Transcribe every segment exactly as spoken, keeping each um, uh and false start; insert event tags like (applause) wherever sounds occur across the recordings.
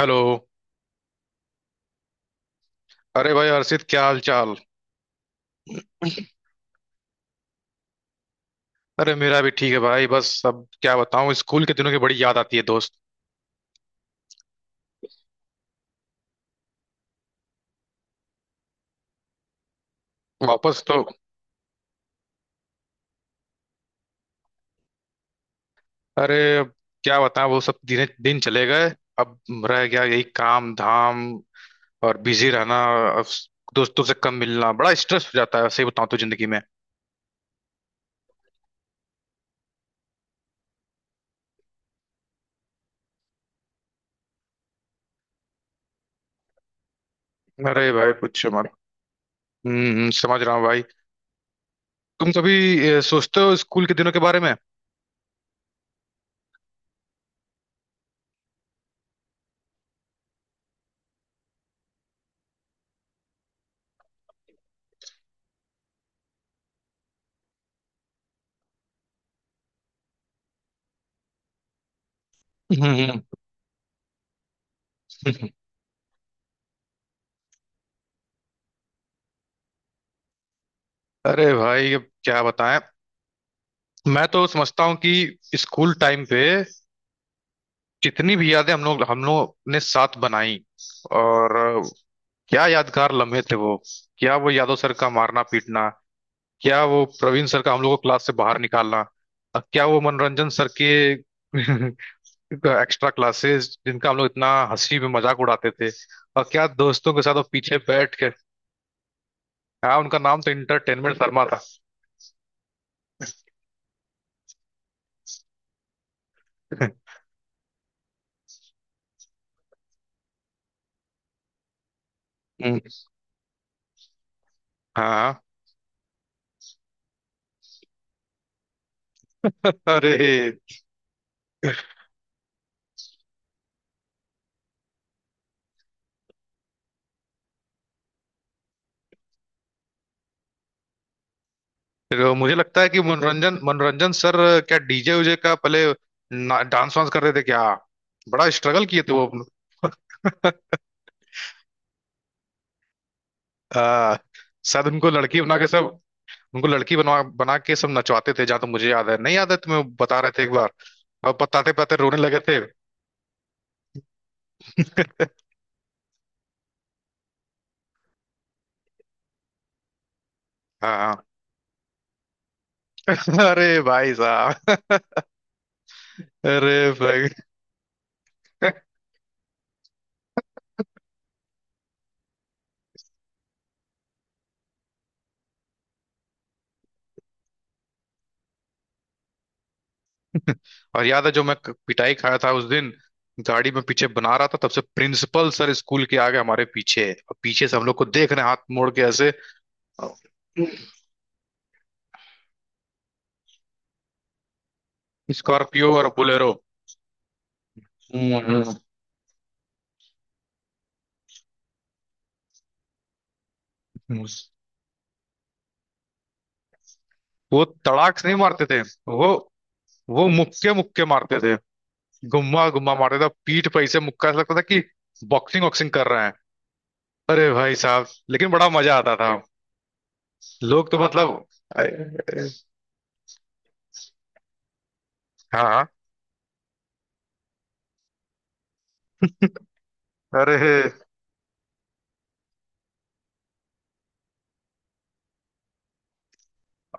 Hello. अरे भाई हर्षित, क्या हाल चाल? अरे मेरा भी ठीक है भाई, बस अब क्या बताऊं, स्कूल के दिनों की बड़ी याद आती है दोस्त। वापस तो, अरे अब क्या बताऊं, वो सब दिन दिन चले गए। अब रह गया यही काम धाम और बिजी रहना। अब दोस्तों से कम मिलना बड़ा स्ट्रेस हो जाता है, सही बताऊं तो जिंदगी में। अरे भाई पूछो मत। हम्म हम्म, समझ रहा हूँ भाई। तुम कभी अ, सोचते हो स्कूल के दिनों के बारे में? हम्म। हम्म। अरे भाई अब क्या बताएं, मैं तो समझता हूँ कि स्कूल टाइम पे जितनी भी यादें हम लोग हम लोग ने साथ बनाई, और अ, क्या यादगार लम्हे थे वो। क्या वो यादव सर का मारना पीटना, क्या वो प्रवीण सर का हम लोग को क्लास से बाहर निकालना, और क्या वो मनोरंजन सर के (laughs) एक्स्ट्रा क्लासेस जिनका हम लोग इतना हंसी में मजाक उड़ाते थे, और क्या दोस्तों के साथ वो पीछे बैठ के। हाँ, उनका नाम तो इंटरटेनमेंट शर्मा। (laughs) हम्म। हाँ। अरे तो मुझे लगता है कि मनोरंजन मनोरंजन सर क्या डी जे उजे का पहले ना- डांस वांस करते थे क्या, बड़ा स्ट्रगल किए थे वो अपने। (laughs) आ, शायद उनको लड़की बना के सब, उनको लड़की बनवा बना के सब नचवाते थे जहां तक मुझे याद है, नहीं याद है तुम्हें, बता रहे थे एक बार और बताते बताते रोने लगे थे। हाँ। (laughs) अरे भाई साहब। अरे भाई, और याद है जो मैं क- पिटाई खाया था उस दिन, गाड़ी में पीछे बना रहा था, तब से प्रिंसिपल सर स्कूल के आगे हमारे पीछे है और पीछे से हम लोग को देख रहे हैं हाथ मोड़ के ऐसे। स्कॉर्पियो और बोलेरो। हम्म। वो तड़ाक से नहीं मारते थे, वो वो मुक्के मुक्के मारते थे। गुम्मा गुम्मा मारते थे पीठ पे ऐसे, मुक्का ऐसा लगता था कि बॉक्सिंग वॉक्सिंग कर रहे हैं। अरे भाई साहब, लेकिन बड़ा मजा आता था। लोग तो मतलब, अरे- हाँ हाँ। अरे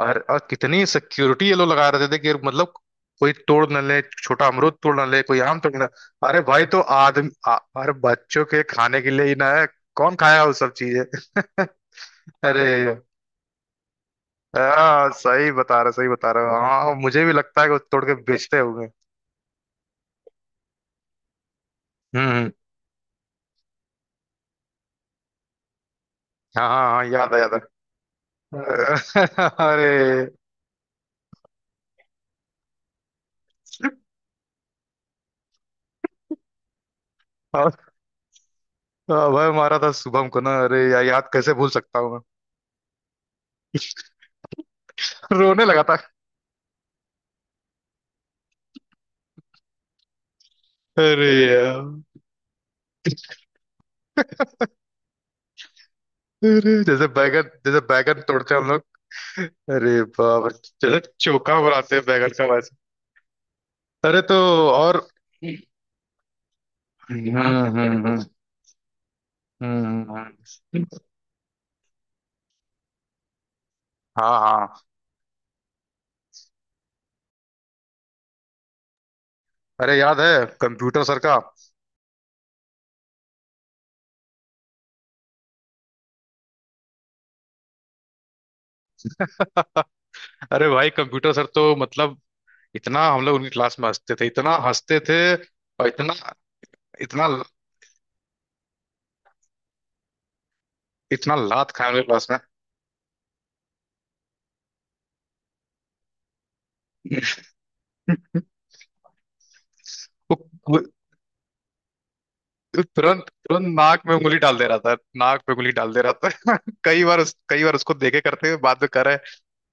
और, और कितनी सिक्योरिटी ये लोग लगा रहे थे कि मतलब कोई तोड़ न ले, छोटा अमरूद तोड़ ना ले कोई, आम तोड़ ना। अरे भाई तो आदमी आ- अरे बच्चों के खाने के लिए ही ना है, कौन खाया वो सब चीजें। (laughs) अरे हाँ, सही बता रहा, सही बता रहा, हाँ मुझे भी लगता है कि वो तोड़ के बेचते होंगे। हम्म हम्म। हाँ हाँ हाँ, याद है, याद है। (laughs) अरे, और- और भाई मारा था शुभम को ना, अरे यार याद कैसे भूल सकता हूँ मैं? (laughs) रोने लगा था। अरे यार। अरे जैसे बैगन जैसे बैगन तोड़ते हैं हम लोग। अरे बाप रे। जैसे चोखा बनाते हैं बैगन का वैसे। अरे तो, और। हम्म हम्म हम्म। हम्म। हाँ हाँ। अरे याद है कंप्यूटर सर का। अरे भाई कंप्यूटर सर तो मतलब, इतना हम लोग उनकी क्लास में हंसते थे, इतना हंसते थे और इतना, इतना, इतना लात खाए उनकी क्लास में। वो वो तुरंत तुरंत नाक में उंगली डाल दे रहा था, नाक पे उंगली डाल दे रहा था। (laughs) कई बार उस, कई बार उसको देखे करते हुए बाद में करे,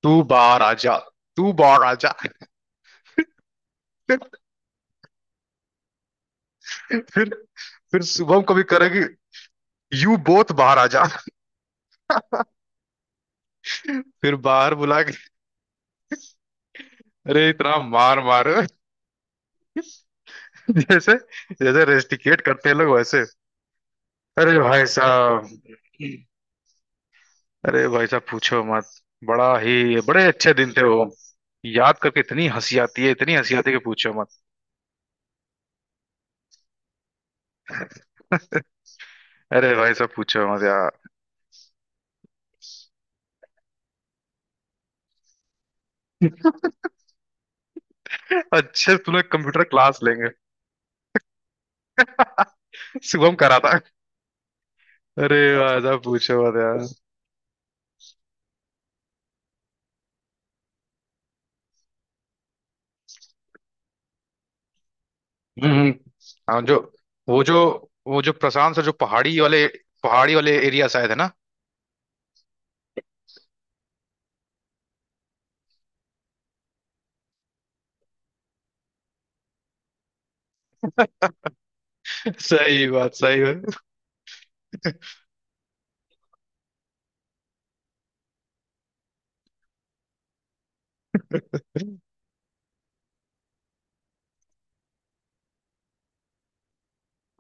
तू बाहर आजा, तू बाहर आजा। (laughs) फिर फिर शुभम कभी करेगी, यू बोथ बाहर आजा, फिर बाहर बुला के अरे इतना मार मार, जैसे जैसे रेस्टिकेट करते हैं लोग वैसे। अरे भाई साहब, अरे भाई साहब पूछो मत, बड़ा ही बड़े अच्छे दिन थे वो, याद करके इतनी हंसी आती है, इतनी हंसी आती है कि पूछो मत। अरे भाई साहब पूछो मत यार। अच्छे से तुम्हें कंप्यूटर क्लास लेंगे, शुभम करा था। अरे भाई साहब पूछो मत यार। हम्म हम्म। हाँ जो वो जो वो जो प्रशांत सर जो पहाड़ी वाले, पहाड़ी वाले एरिया शायद है ना। (laughs) सही बात, सही बात।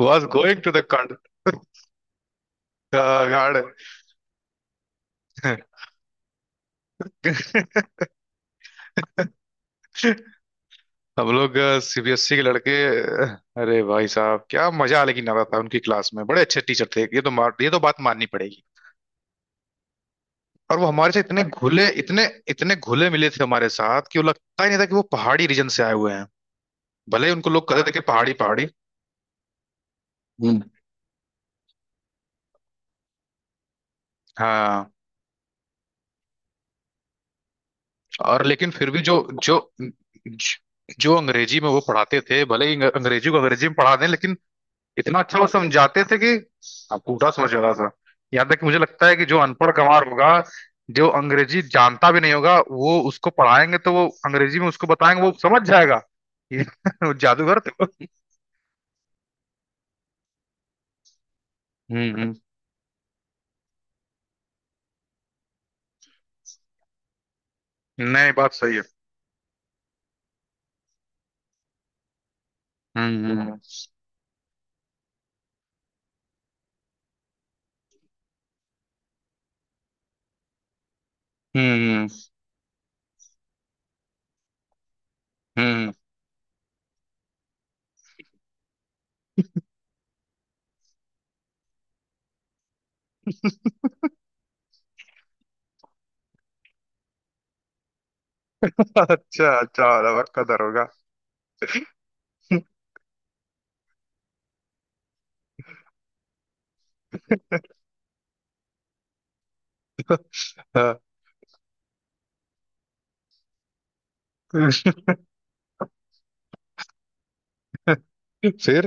Was going to the guard. (laughs) हम लोग सी बी एस ई के लड़के। uh, अरे भाई साहब क्या मजा लेकिन आता था उनकी क्लास में, बड़े अच्छे टीचर थे, ये तो मार, ये तो बात माननी पड़ेगी। और वो हमारे से इतने घुले इतने इतने घुले मिले थे हमारे साथ कि वो लगता ही नहीं था कि वो पहाड़ी रीजन से आए हुए हैं, भले ही उनको लोग कहते थे कि पहाड़ी पहाड़ी। हम्म। हाँ। और लेकिन फिर भी जो जो जो अंग्रेजी में वो पढ़ाते थे, भले ही अंग- अंग्रेजी को अंग्रेजी में पढ़ा दें लेकिन इतना अच्छा वो समझाते थे कि आपको उल्टा समझ आता था। यहाँ तक कि मुझे लगता है कि जो अनपढ़ गंवार होगा, जो अंग्रेजी जानता भी नहीं होगा, वो उसको पढ़ाएंगे तो वो अंग्रेजी में उसको बताएंगे वो समझ जाएगा। ये (laughs) वो जादूगर थे। हम्म हम्म। नहीं बात सही है। हम्म हम्म हम्म। हम्म। अच्छा अच्छा रबर कदर होगा। (laughs) हाँ। फिर,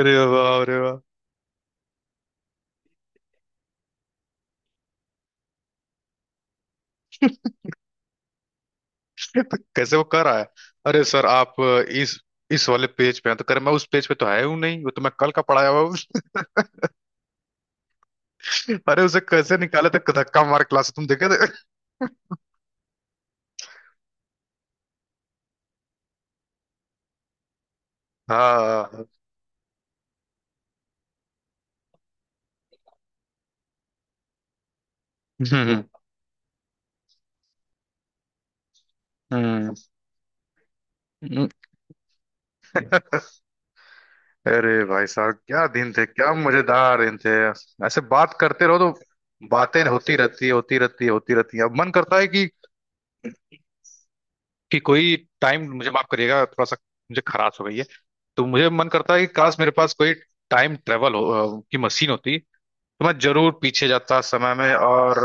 अरे वाह, अरे वाह। कैसे वो कर रहा है, अरे सर आप इस इस वाले पेज पे हैं, तो करे मैं उस पेज पे तो है हूं नहीं, वो तो मैं कल का पढ़ाया हुआ हूं। (laughs) अरे उसे कैसे निकाले थे धक्का मार क्लास, तुम देखे थे? (laughs) हाँ। हम्म हम्म। हम्म। अरे भाई साहब क्या दिन थे, क्या मजेदार दिन थे। ऐसे बात करते रहो तो बातें होती रहती है, होती रहती है, होती रहती है, अब मन करता है कि कि कोई टाइम, मुझे माफ करिएगा थोड़ा सा, मुझे खराश हो गई है। तो मुझे मन करता है कि काश मेरे पास कोई टाइम ट्रेवल हो अ, की मशीन होती तो मैं जरूर पीछे जाता समय में और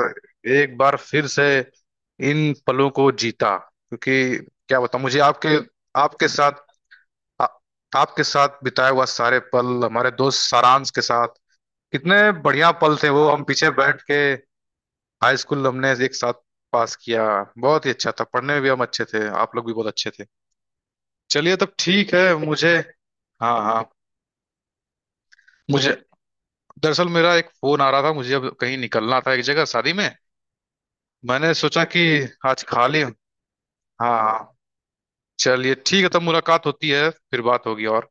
एक बार फिर से इन पलों को जीता, क्योंकि क्या बताऊं मुझे आपके आपके साथ आ, आपके साथ बिताया हुआ सारे पल हमारे दोस्त सारांश के साथ, कितने बढ़िया पल थे वो। हम पीछे बैठ के हाई स्कूल हमने एक साथ पास किया, बहुत ही अच्छा था, पढ़ने में भी हम अच्छे थे, आप लोग भी बहुत अच्छे थे। चलिए तब ठीक है मुझे, हाँ हाँ, मुझे दरअसल मेरा एक फोन आ रहा था, मुझे अब कहीं निकलना था एक जगह शादी में, मैंने सोचा कि आज खा लें। हाँ। चलिए ठीक है तब मुलाकात होती है, फिर बात होगी। और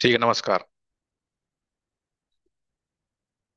ठीक है, नमस्कार।